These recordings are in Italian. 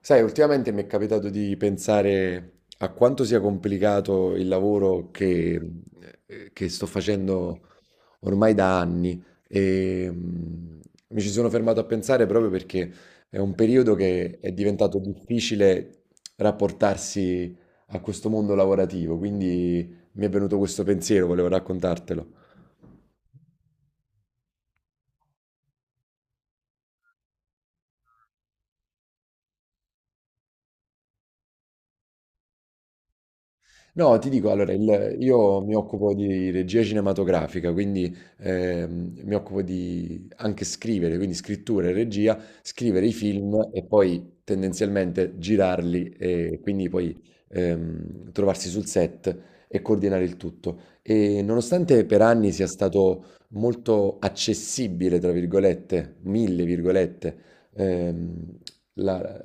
Sai, ultimamente mi è capitato di pensare a quanto sia complicato il lavoro che sto facendo ormai da anni e mi ci sono fermato a pensare proprio perché è un periodo che è diventato difficile rapportarsi a questo mondo lavorativo, quindi mi è venuto questo pensiero, volevo raccontartelo. No, ti dico, allora, io mi occupo di regia cinematografica, quindi mi occupo di anche scrivere, quindi scrittura e regia, scrivere i film e poi tendenzialmente girarli e quindi poi trovarsi sul set e coordinare il tutto. E nonostante per anni sia stato molto accessibile, tra virgolette, mille virgolette, ehm, la-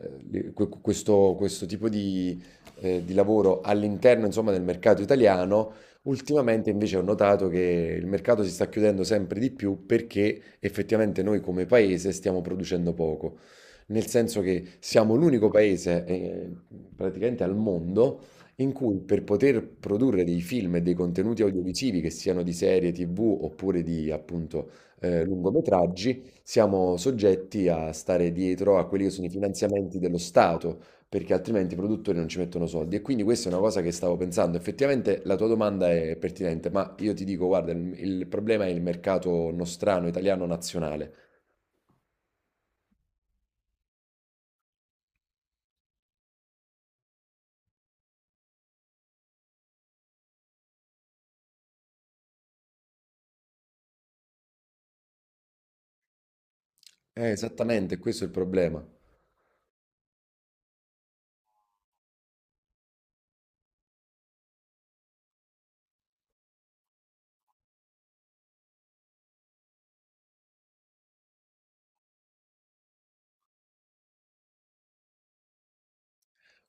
questo tipo di lavoro all'interno, insomma, del mercato italiano, ultimamente invece ho notato che il mercato si sta chiudendo sempre di più perché effettivamente noi come paese stiamo producendo poco. Nel senso che siamo l'unico paese, praticamente al mondo, in cui per poter produrre dei film e dei contenuti audiovisivi, che siano di serie TV oppure di appunto lungometraggi, siamo soggetti a stare dietro a quelli che sono i finanziamenti dello Stato, perché altrimenti i produttori non ci mettono soldi. E quindi questa è una cosa che stavo pensando. Effettivamente la tua domanda è pertinente, ma io ti dico, guarda, il problema è il mercato nostrano, italiano, nazionale. È esattamente questo è il problema.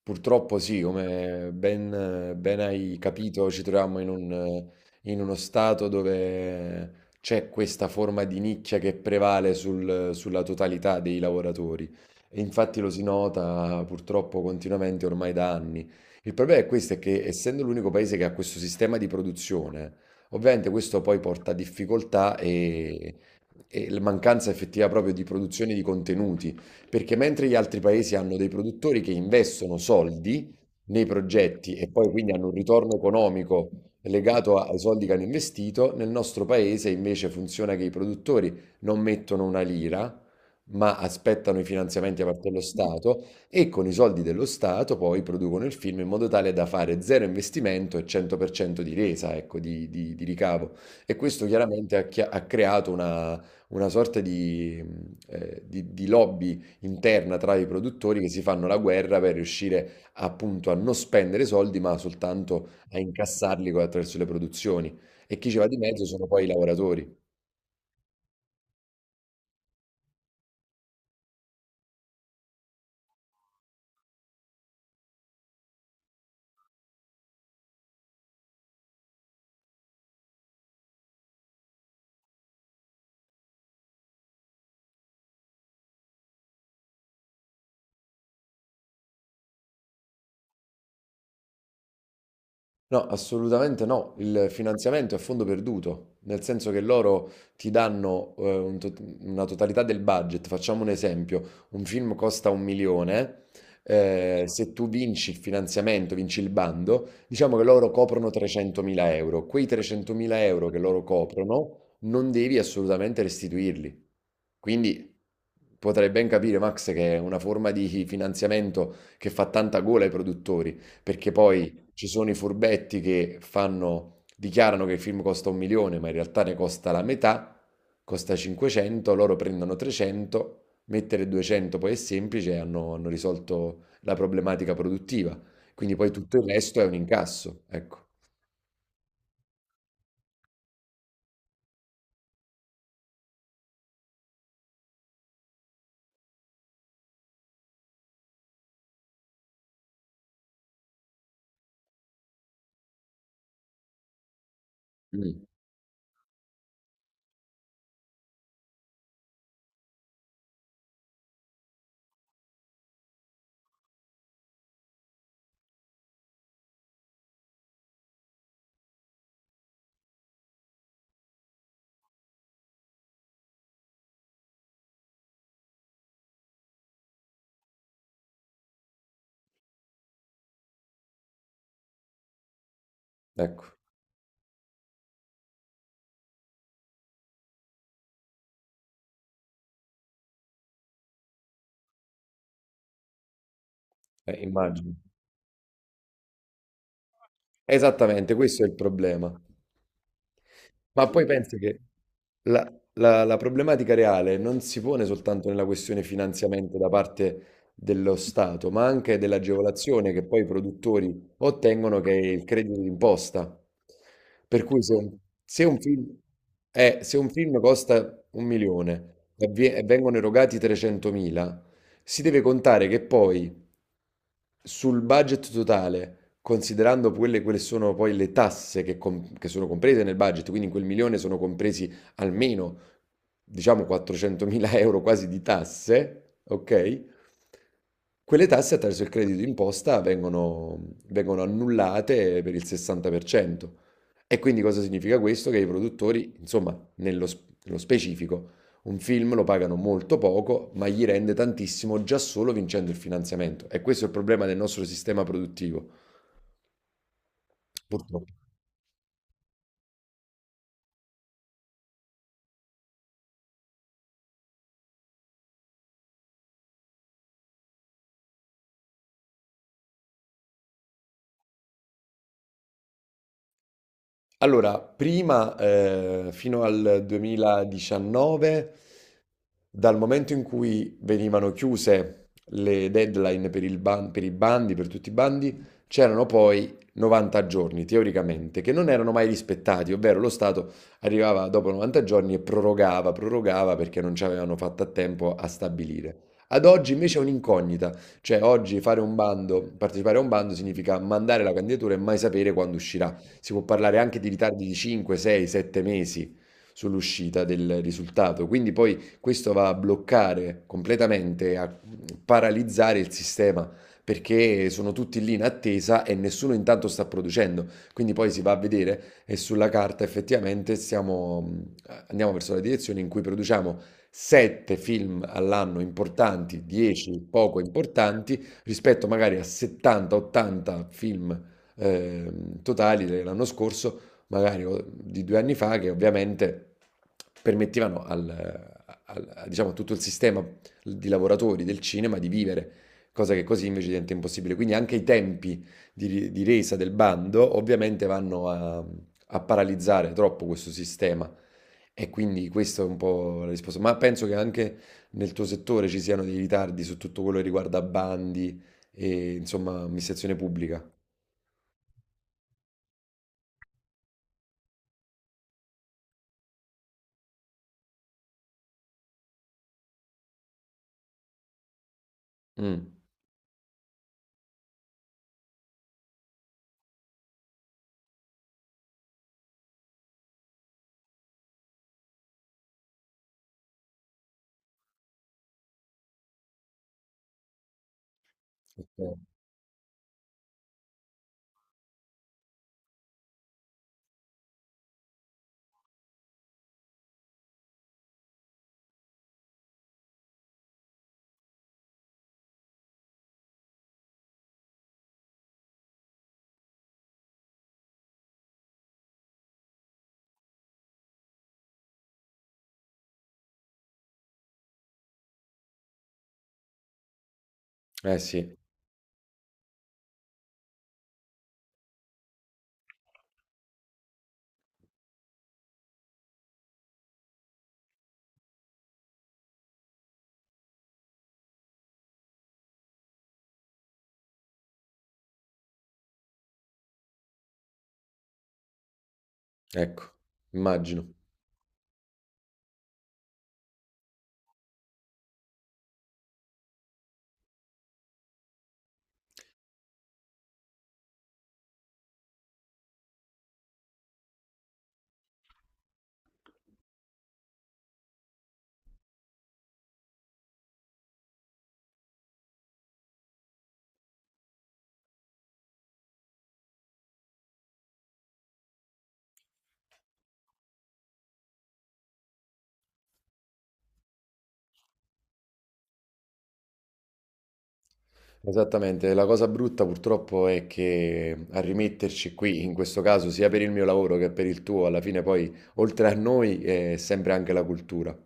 Purtroppo sì, come ben hai capito, ci troviamo in uno stato dove c'è questa forma di nicchia che prevale sulla totalità dei lavoratori. E infatti lo si nota purtroppo continuamente ormai da anni. Il problema è questo, è che essendo l'unico paese che ha questo sistema di produzione, ovviamente questo poi porta a difficoltà, e la mancanza effettiva proprio di produzione di contenuti perché mentre gli altri paesi hanno dei produttori che investono soldi nei progetti e poi quindi hanno un ritorno economico legato ai soldi che hanno investito, nel nostro paese invece funziona che i produttori non mettono una lira, ma aspettano i finanziamenti da parte dello Stato e con i soldi dello Stato poi producono il film in modo tale da fare zero investimento e 100% di resa, ecco, di ricavo. E questo chiaramente ha creato una sorta di, di lobby interna tra i produttori che si fanno la guerra per riuscire appunto a non spendere soldi, ma soltanto a incassarli attraverso le produzioni. E chi ci va di mezzo sono poi i lavoratori. No, assolutamente no. Il finanziamento è a fondo perduto, nel senso che loro ti danno una totalità del budget. Facciamo un esempio: un film costa un milione. Se tu vinci il finanziamento, vinci il bando, diciamo che loro coprono 300.000 euro. Quei 300.000 euro che loro coprono non devi assolutamente restituirli. Quindi potrai ben capire, Max, che è una forma di finanziamento che fa tanta gola ai produttori, perché poi ci sono i furbetti che dichiarano che il film costa un milione, ma in realtà ne costa la metà, costa 500, loro prendono 300, mettere 200 poi è semplice e hanno risolto la problematica produttiva. Quindi poi tutto il resto è un incasso, ecco. Mm. Ecco, immagino. Esattamente, questo è il problema. Ma poi penso che la problematica reale non si pone soltanto nella questione finanziamento da parte dello Stato, ma anche dell'agevolazione che poi i produttori ottengono, che è il credito d'imposta. Per cui se un, se un film, se un film costa un milione e vengono erogati 300.000, si deve contare che poi sul budget totale, considerando quelle, quelle sono poi le tasse che sono comprese nel budget, quindi in quel milione sono compresi almeno, diciamo, 400.000 euro quasi di tasse, ok? Quelle tasse attraverso il credito d'imposta vengono annullate per il 60%. E quindi cosa significa questo? Che i produttori, insomma, nello specifico, un film lo pagano molto poco, ma gli rende tantissimo già solo vincendo il finanziamento. E questo è il problema del nostro sistema produttivo, purtroppo. Allora, prima, fino al 2019, dal momento in cui venivano chiuse le deadline per i bandi, per tutti i bandi, c'erano poi 90 giorni teoricamente che non erano mai rispettati, ovvero lo Stato arrivava dopo 90 giorni e prorogava, prorogava perché non ci avevano fatto a tempo a stabilire. Ad oggi invece è un'incognita, cioè oggi fare un bando, partecipare a un bando significa mandare la candidatura e mai sapere quando uscirà. Si può parlare anche di ritardi di 5, 6, 7 mesi sull'uscita del risultato, quindi poi questo va a bloccare completamente, a paralizzare il sistema perché sono tutti lì in attesa e nessuno intanto sta producendo. Quindi poi si va a vedere e sulla carta andiamo verso la direzione in cui produciamo 7 film all'anno importanti, 10 poco importanti, rispetto magari a 70-80 film totali dell'anno scorso, magari o di 2 anni fa, che ovviamente permettevano diciamo, a tutto il sistema di lavoratori del cinema di vivere, cosa che così invece diventa impossibile. Quindi anche i tempi di resa del bando ovviamente vanno a, a paralizzare troppo questo sistema. E quindi questa è un po' la risposta. Ma penso che anche nel tuo settore ci siano dei ritardi su tutto quello che riguarda bandi e insomma amministrazione pubblica. Mm. Eh sì. Ecco, immagino. Esattamente. La cosa brutta purtroppo è che a rimetterci qui, in questo caso, sia per il mio lavoro che per il tuo, alla fine poi, oltre a noi, è sempre anche la cultura.